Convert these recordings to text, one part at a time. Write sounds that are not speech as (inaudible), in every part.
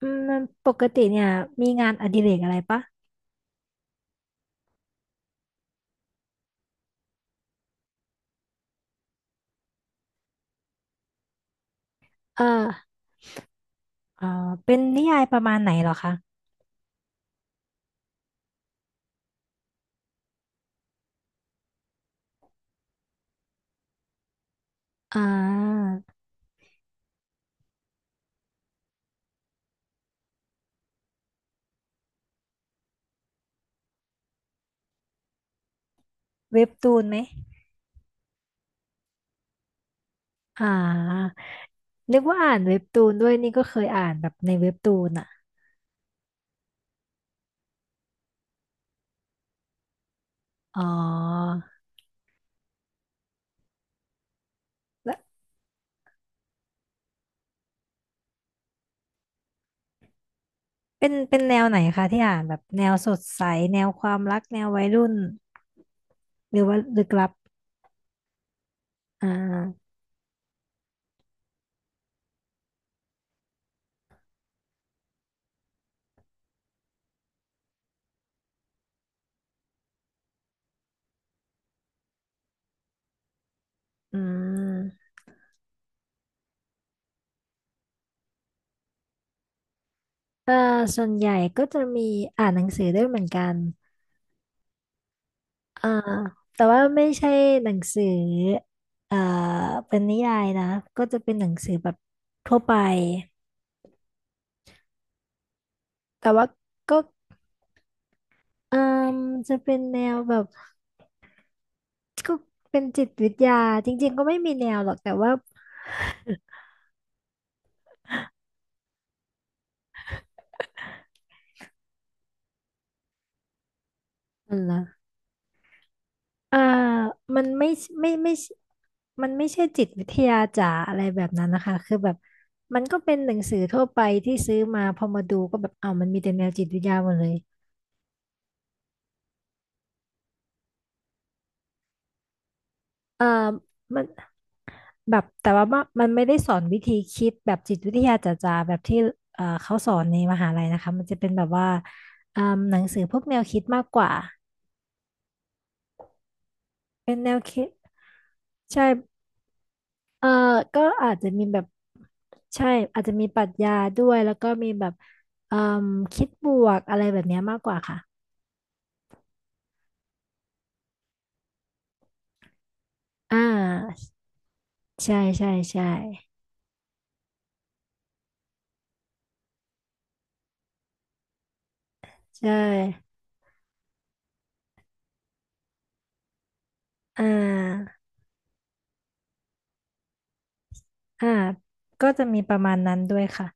อืมปกติเนี่ยมีงานอดิเรกอะไรปะเออเอ่เป็นนิยายประมาณไหนเหรอคะ อ่าเว็บตูนไหมอ่านึกว่าอ่านเว็บตูนด้วยนี่ก็เคยอ่านแบบในเว็บตูนอ่ะอ๋อแล้วเป็นแนวไหนคะที่อ่านแบบแนวสดใสแนวความรักแนววัยรุ่นหรือว่าลึกลับอ่าอืมเออส่วนใหญ่ก็จะมีอ่านหนังสือด้วยเหมือนกัน อ่าแต่ว่าไม่ใช่หนังสือเอ่อเป็นนิยายนะก็จะเป็นหนังสือแบบทั่วไปแต่ว่าก็เอ่มจะเป็นแนวแบบก็เป็นจิตวิทยาจริงๆก็ไม่มีแนวหรอกแต่ว่าอะไรล่ะอ่ามันไม่มันไม่ใช่จิตวิทยาจ๋าอะไรแบบนั้นนะคะคือแบบมันก็เป็นหนังสือทั่วไปที่ซื้อมาพอมาดูก็แบบเอาวมันมีแต่แนวจิตวิทยาหมดเลยเอ่อมัน แบบแต่ว่ามันไม่ได้สอนวิธีคิดแบบจิตวิทยาจ๋าๆแบบที่เขาสอนในมหาลัยนะคะมันจะเป็นแบบว่าอ่าหนังสือพวกแนวคิดมากกว่าเป็นแนวคิดใช่เออก็อาจจะมีแบบใช่อาจจะมีปรัชญาด้วยแล้วก็มีแบบเอ่มคิดบวกอะไรแบบเนี้ยมากกว่าค่ะอ่าใช่ใช่ใช่ใช่อ่าอ่าก็จะมีประมาณนั้นด้วยค่ะ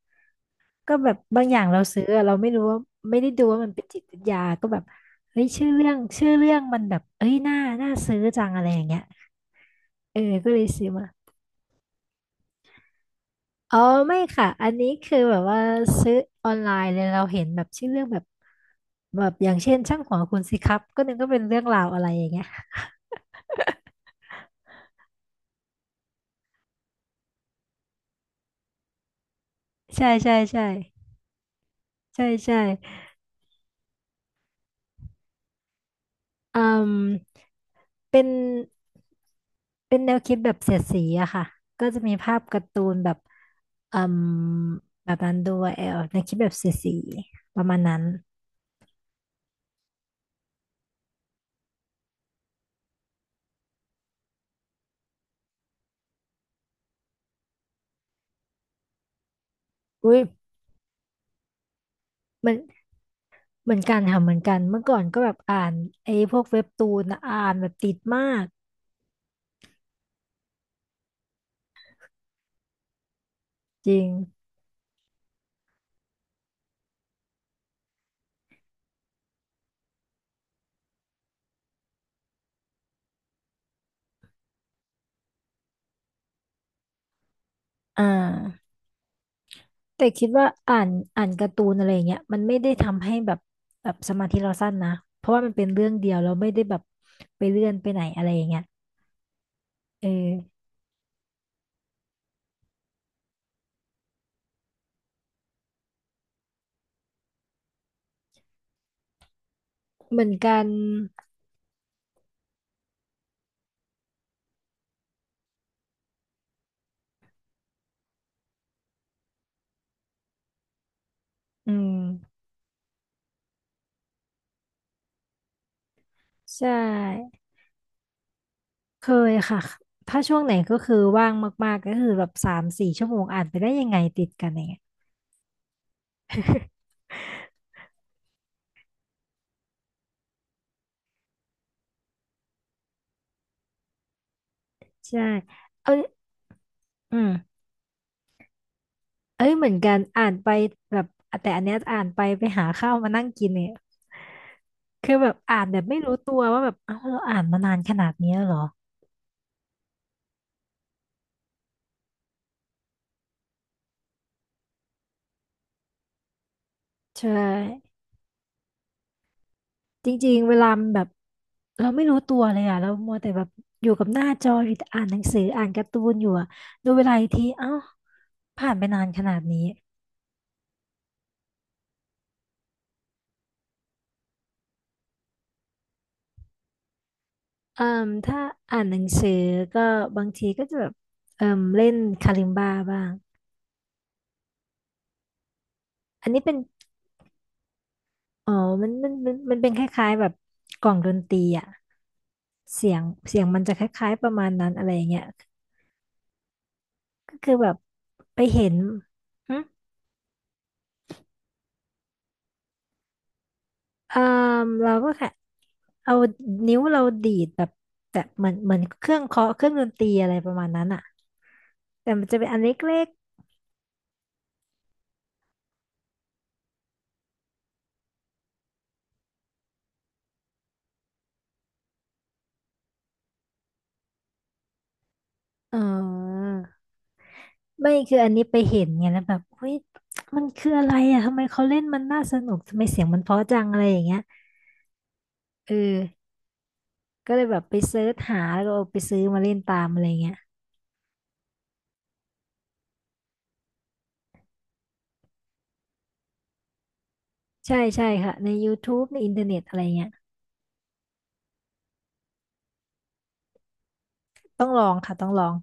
ก็แบบบางอย่างเราซื้ออะเราไม่รู้ว่าไม่ได้ดูว่ามันเป็นจิตวิทยาก็แบบเฮ้ยชื่อเรื่องชื่อเรื่องมันแบบเอ้ยน่าน่าซื้อจังอะไรอย่างเงี้ยเออก็เลยซื้อมาอ๋อไม่ค่ะอันนี้คือแบบว่าซื้อออนไลน์เลยเราเห็นแบบชื่อเรื่องแบบแบบอย่างเช่นช่างหัวคุณสิครับก็นึกว่าเป็นเรื่องราวอะไรอย่างเงี้ยใช่ใช่ใช่ใช่ใช่อืมเป็น เป็นแนวคิดแบบเสียดสีอะค่ะก็จะมีภาพการ์ตูนแบบอืมแบบนั้นด้วยเออแนวคิดแบบเสียดสีประมาณนั้นอุ้ยเหมันเหมือนกันค่ะเหมือนกันเมื่อก่อนก็แบบอ่านไอ้พวกเว็บตูนอะอ่านแบบติดมากจริงอ่าแต่คิดว่าอ่านการ์ตูนอะไรเงี้ยมันไม่ได้ทำให้แบบแบบสมาธิเราสั้นนะเพราะว่ามันเป็นเรื่องเดียวเราไม่ได้แบบไปเลื่อนไปไหนอะไรอย่างเงี้ยเออเหมือนกันอืมใช่ เคยค่ะถ้าช่วงไหนก็คือว่างมากๆก็คือแบบสามสี่ชั่วโมงอ่านไปได้ยังไงติดกันอย่างเงี้ย (laughs) ใช่เอ้ยอืมเอ้ยเหมือนกันอ่านไปแบบแต่อันเนี้ยอ่านไปไปหาข้าวมานั่งกินเนี่ยคือแบบอ่านแบบไม่รู้ตัวว่าแบบเอ้าเราอ่านมานานขนาดนี้แล้วเหรอใช่จริงๆเวลามันแบบเราไม่รู้ตัวเลยอ่ะเรามัวแต่แบบอยู่กับหน้าจออยู่แต่อ่านหนังสืออ่านการ์ตูนอยู่อะดูเวลาอีกทีเอ้าผ่านไปนานขนาดนี้ เอ่มถ้าอ่านหนังสือก็บางทีก็จะแบบเอ่มเล่นคาลิมบาบ้างอันนี้เป็นอ๋อมันเป็นคล้ายๆแบบกล่องดนตรีอ่ะเสียงเสียงมันจะคล้ายๆประมาณนั้นอะไรอย่างเงี้ยก็คือแบบไปเห็นหึเอ่มเราก็แค่เอานิ้วเราดีดแบบแต่เหมือนเหมือนเครื่องเคาะเครื่องดนตรีอะไรประมาณนั้นอ่ะแต่มันจะเป็นอันเล็กๆเออ ไม่คืออันนี้ไปเห็นไงแล้วแบบเฮ้ยมันคืออะไรอ่ะทำไมเขาเล่นมันน่าสนุกทำไมเสียงมันเพราะจังอะไรอย่างเงี้ยเออก็เลยแบบไปเซิร์ชหาแล้วก็เอาไปซื้อมาเล่นตามอะไรเงี้ยใช่ใช่ค่ะในย o ทูบ e ในอินเทอร์เน็ตอะไรเงี้ยต้องลองค่ะต้องลอง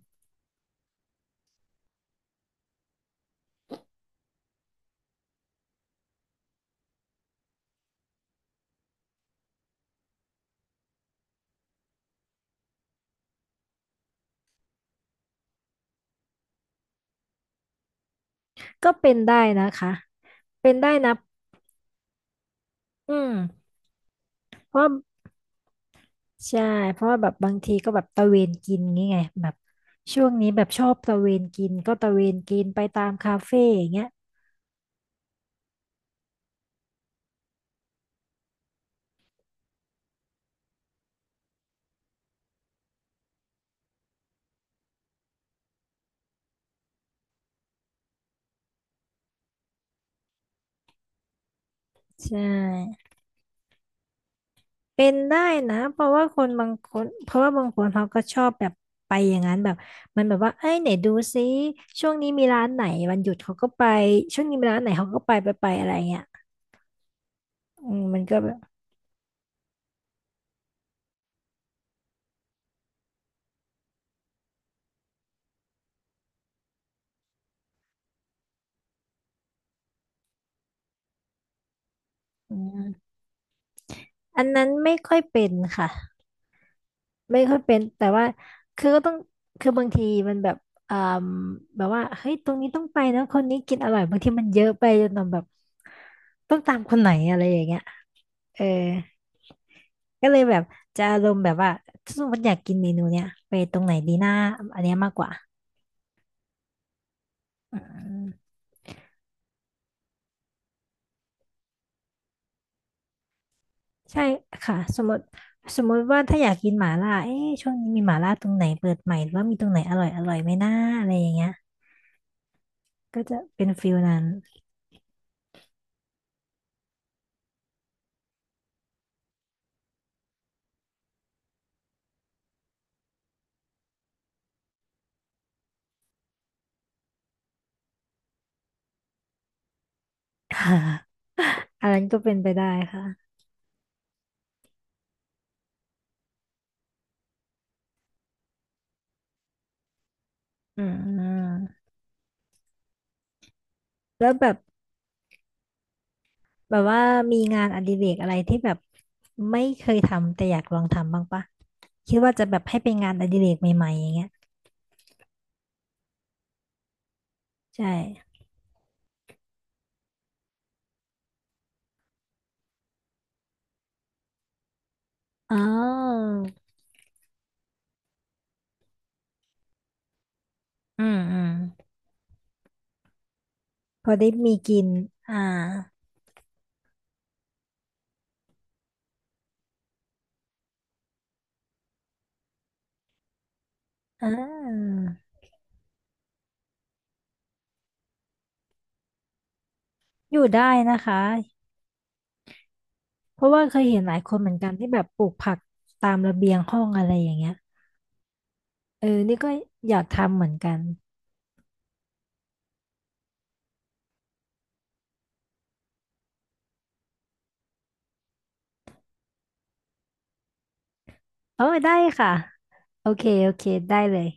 ก็เป็นได้นะคะเป็นได้นะอืมเพราะว่าใช่เพราะว่าแบบบางทีก็แบบตะเวนกินงี้ไงแบบช่วงนี้แบบชอบตะเวนกินก็ตะเวนกินไปตามคาเฟ่อย่างเงี้ยใช่ เป็นได้นะเพราะว่าคนบางคนเพราะว่าบางคนเขาก็ชอบแบบไปอย่างนั้นแบบมันแบบว่าเอ้ยไหนดูซิช่วงนี้มีร้านไหนวันหยุดเขาก็ไปช่วงนี้มีร้านไหนเขาก็ไปไปไปอะไรเงี้ยอืมมันก็แบบอืมอันนั้นไม่ค่อยเป็นค่ะไม่ค่อยเป็นแต่ว่าคือก็ต้องคือบางทีมันแบบอ่าแบบว่าเฮ้ยตรงนี้ต้องไปนะคนนี้กินอร่อยบางทีมันเยอะไปจนเราแบบต้องตามคนไหนอะไรอย่างเงี้ยเออ ก็เลยแบบจะอารมณ์แบบว่าถ้าสมมติอยากกินเมนูเนี้ยไปตรงไหนดีหน้าอันเนี้ยมากกว่าอืมใช่ค่ะสมมติสมมติว่าถ้าอยากกินหม่าล่าเอ๊ะช่วงนี้มีหม่าล่าตรงไหนเปิดใหม่หรือว่ามีตรงไหนอร่อยอร่อยไหมนะอะไรอย่างเงี้ยก็จะเป็นฟิลนั้น (laughs) ค่ะอันนั้นก็เป็นไปได้ค่ะอืมแล้วแบบแบบว่ามีงานอดิเรกอะไรที่แบบไม่เคยทำแต่อยากลองทำบ้างปะคิดว่าจะแบบให้เป็นงานอดิเรกใหม่ๆอย่างเงี้ยใช่อ๋อ อืมอืมพอได้มีกินอ่าอ่าอยู่ได้นะคะเพราะว่าเคยเห็นหลายคนเหมือนกันที่แบบปลูกผักตามระเบียงห้องอะไรอย่างเงี้ยเออนี่ก็อยากทำเหมือนกันเออได้ค่ะโอเคโอเคได้เลย